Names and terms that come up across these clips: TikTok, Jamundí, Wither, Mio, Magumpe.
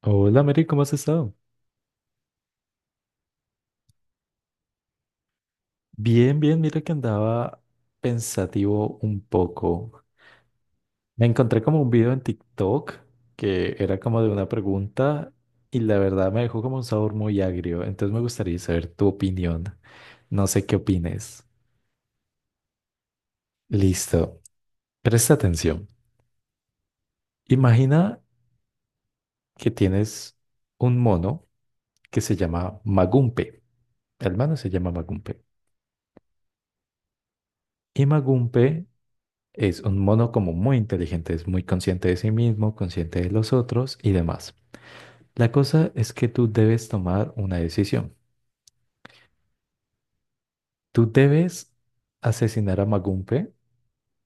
Hola, Mary, ¿cómo has estado? Bien, bien, mira que andaba pensativo un poco. Me encontré como un video en TikTok que era como de una pregunta y la verdad me dejó como un sabor muy agrio, entonces me gustaría saber tu opinión. No sé qué opines. Listo, presta atención. Imagina que tienes un mono que se llama Magumpe. El mono se llama Magumpe. Y Magumpe es un mono como muy inteligente, es muy consciente de sí mismo, consciente de los otros y demás. La cosa es que tú debes tomar una decisión. Tú debes asesinar a Magumpe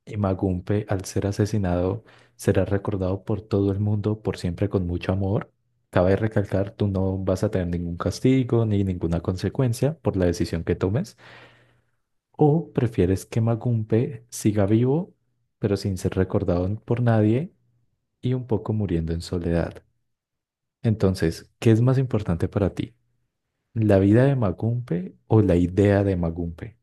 y Magumpe al ser asesinado será recordado por todo el mundo por siempre con mucho amor. Cabe recalcar, tú no vas a tener ningún castigo ni ninguna consecuencia por la decisión que tomes. O prefieres que Magumpe siga vivo, pero sin ser recordado por nadie y un poco muriendo en soledad. Entonces, ¿qué es más importante para ti? ¿La vida de Magumpe o la idea de Magumpe?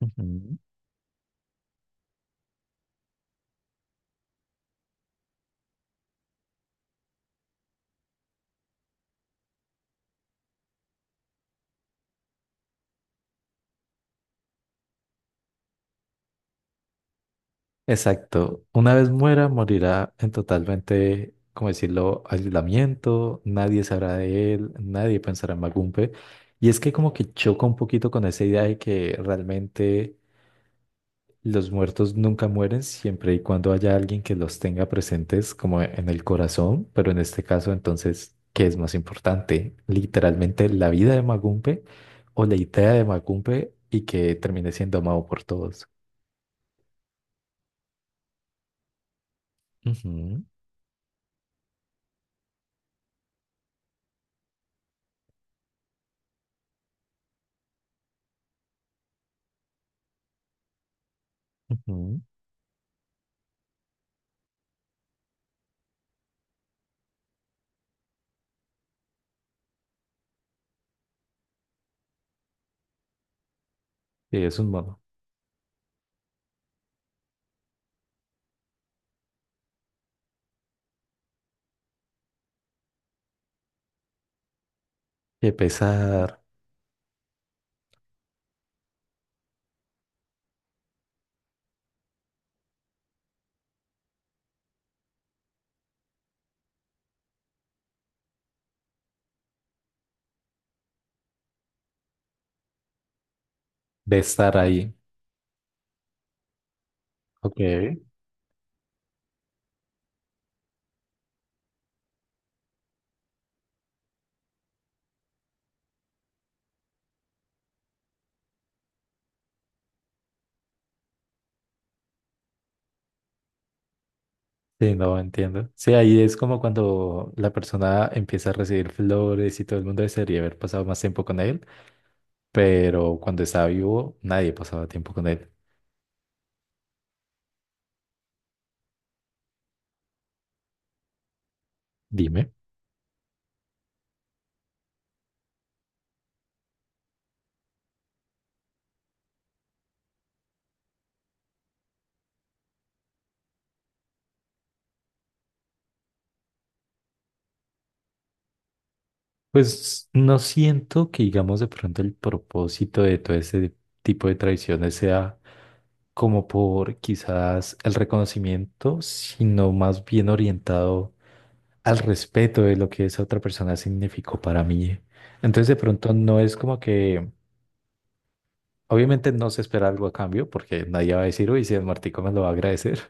Ujú. Exacto. Una vez muera, morirá en totalmente, como decirlo, aislamiento, nadie sabrá de él, nadie pensará en Magumpe. Y es que como que choca un poquito con esa idea de que realmente los muertos nunca mueren siempre y cuando haya alguien que los tenga presentes como en el corazón, pero en este caso entonces, ¿qué es más importante? ¿Literalmente la vida de Magumpe o la idea de Magumpe y que termine siendo amado por todos? Ujú, ujú. Sí, es un modo. Qué pesar de estar ahí. Ok. Sí, no entiendo. Sí, ahí es como cuando la persona empieza a recibir flores y todo el mundo desearía haber pasado más tiempo con él, pero cuando estaba vivo nadie pasaba tiempo con él. Dime. Pues no siento que, digamos, de pronto el propósito de todo este tipo de tradiciones sea como por quizás el reconocimiento, sino más bien orientado al respeto de lo que esa otra persona significó para mí. Entonces, de pronto no es como que, obviamente no se espera algo a cambio, porque nadie va a decir, uy, si el martico me lo va a agradecer,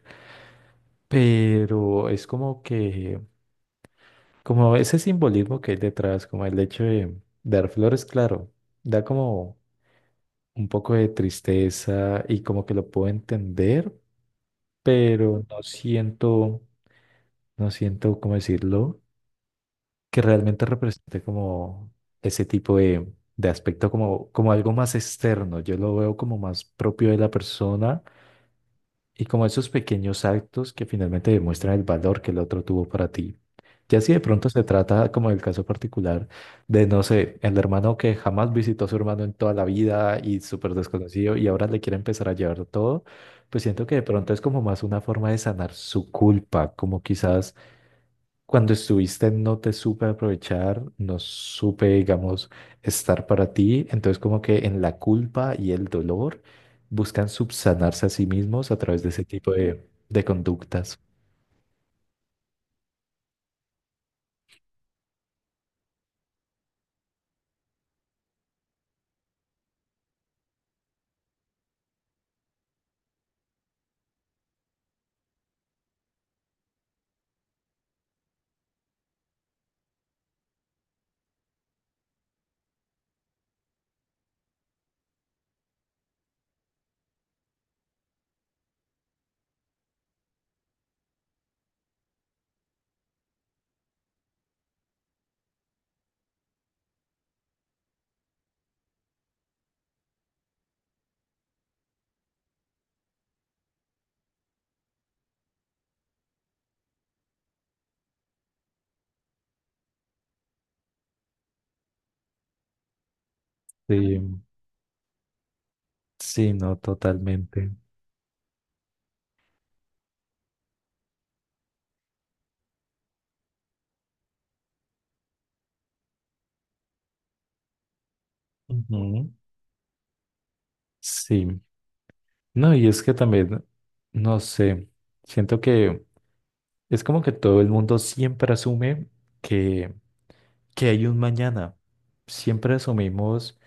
pero es como que como ese simbolismo que hay detrás, como el hecho de dar flores, claro, da como un poco de tristeza y como que lo puedo entender, pero no siento, no siento, ¿cómo decirlo? Que realmente represente como ese tipo de aspecto, como, como algo más externo. Yo lo veo como más propio de la persona y como esos pequeños actos que finalmente demuestran el valor que el otro tuvo para ti. Ya si de pronto se trata, como el caso particular, de, no sé, el hermano que jamás visitó a su hermano en toda la vida y súper desconocido y ahora le quiere empezar a llevar todo, pues siento que de pronto es como más una forma de sanar su culpa, como quizás cuando estuviste no te supe aprovechar, no supe, digamos, estar para ti. Entonces como que en la culpa y el dolor buscan subsanarse a sí mismos a través de ese tipo de conductas. Sí, sí, no, totalmente. Ujú. Sí. No, y es que también, no sé, siento que es como que todo el mundo siempre asume que, que hay un mañana. Siempre asumimos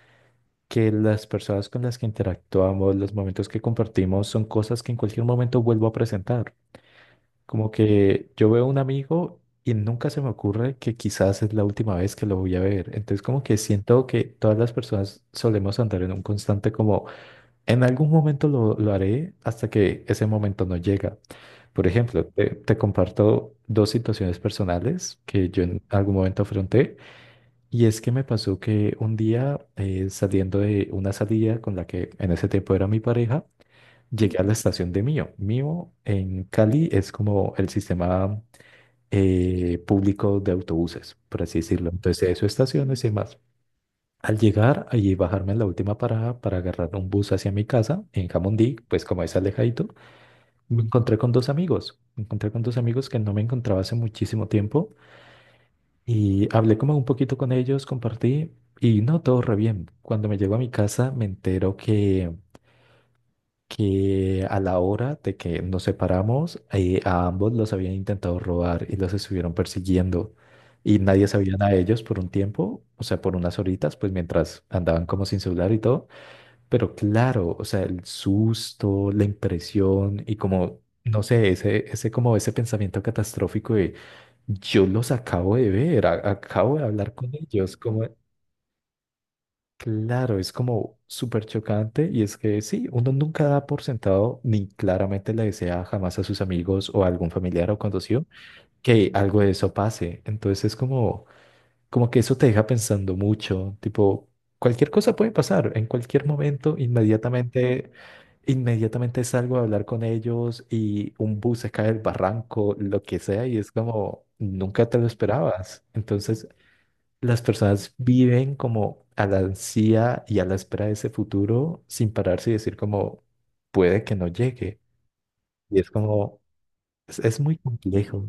que las personas con las que interactuamos, los momentos que compartimos, son cosas que en cualquier momento vuelvo a presentar. Como que yo veo a un amigo y nunca se me ocurre que quizás es la última vez que lo voy a ver. Entonces como que siento que todas las personas solemos andar en un constante como, en algún momento lo haré hasta que ese momento no llega. Por ejemplo, te comparto dos situaciones personales que yo en algún momento afronté. Y es que me pasó que un día, saliendo de una salida con la que en ese tiempo era mi pareja, llegué a la estación de Mio. Mio en Cali es como el sistema público de autobuses, por así decirlo. Entonces hay sus estaciones y demás. Al llegar y bajarme en la última parada para agarrar un bus hacia mi casa en Jamundí, pues como es alejadito, me encontré con dos amigos. Me encontré con dos amigos que no me encontraba hace muchísimo tiempo y hablé como un poquito con ellos, compartí y no, todo re bien. Cuando me llego a mi casa me entero que a la hora de que nos separamos, a ambos los habían intentado robar y los estuvieron persiguiendo y nadie sabía nada de ellos por un tiempo, o sea, por unas horitas, pues mientras andaban como sin celular y todo. Pero claro, o sea, el susto, la impresión y como, no sé, ese como ese pensamiento catastrófico de yo los acabo de ver, acabo de hablar con ellos, como, claro, es como súper chocante y es que sí, uno nunca da por sentado ni claramente le desea jamás a sus amigos o a algún familiar o conocido que algo de eso pase. Entonces es como como que eso te deja pensando mucho, tipo, cualquier cosa puede pasar en cualquier momento, inmediatamente, inmediatamente salgo a hablar con ellos y un bus se cae del barranco, lo que sea, y es como, nunca te lo esperabas. Entonces, las personas viven como a la ansia y a la espera de ese futuro sin pararse y decir como, puede que no llegue. Y es como, es muy complejo.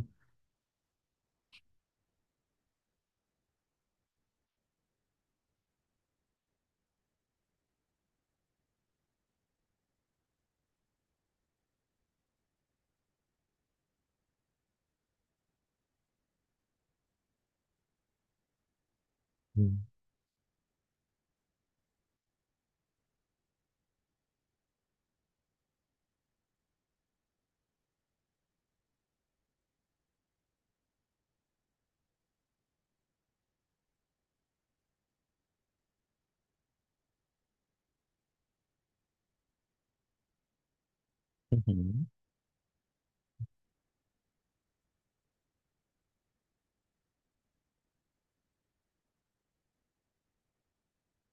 Mm. Ujú.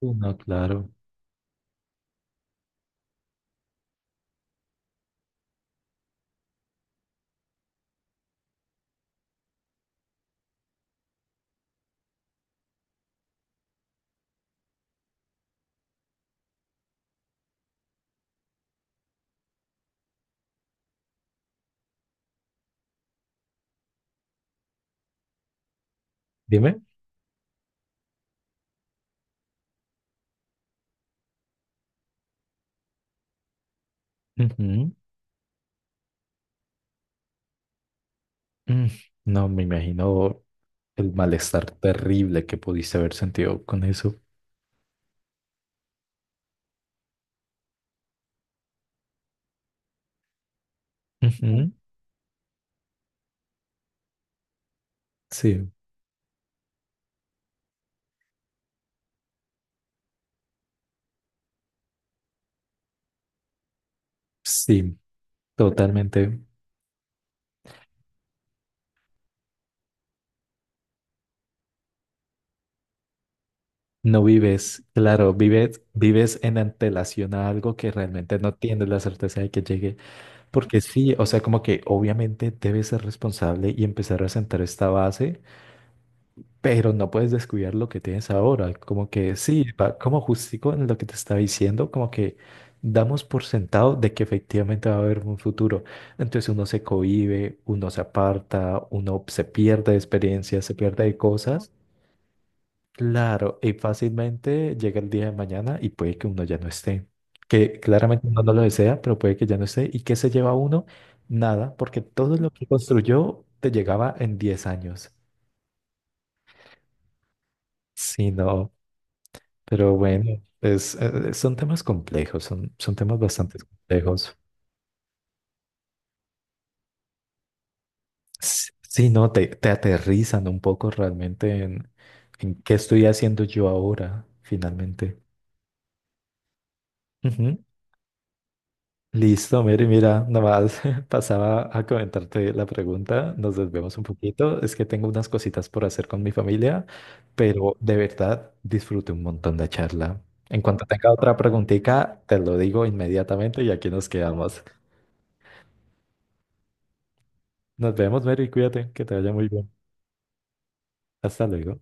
No, claro. Dime. Ujú. Mm, No, me imagino el malestar terrible que pudiste haber sentido con eso. Ujú, sí, sí, totalmente. No vives, claro, vives en antelación a algo que realmente no tienes la certeza de que llegue, porque sí, o sea, como que obviamente debes ser responsable y empezar a sentar esta base. Pero no puedes descuidar lo que tienes ahora. Como que sí, va como justico en lo que te estaba diciendo, como que damos por sentado de que efectivamente va a haber un futuro. Entonces uno se cohíbe, uno se aparta, uno se pierde de experiencias, se pierde de cosas. Claro, y fácilmente llega el día de mañana y puede que uno ya no esté. Que claramente uno no lo desea, pero puede que ya no esté. ¿Y qué se lleva uno? Nada, porque todo lo que construyó te llegaba en 10 años. Sí, no. Pero bueno, son temas complejos, son temas bastante complejos. Sí, no, te aterrizan un poco realmente en qué estoy haciendo yo ahora, finalmente. Ujú. Listo, Mary, mira, nada más pasaba a comentarte la pregunta, nos desvemos un poquito, es que tengo unas cositas por hacer con mi familia, pero de verdad disfruté un montón la charla. En cuanto tenga otra preguntita, te lo digo inmediatamente y aquí nos quedamos. Nos vemos, Mary, cuídate, que te vaya muy bien. Hasta luego.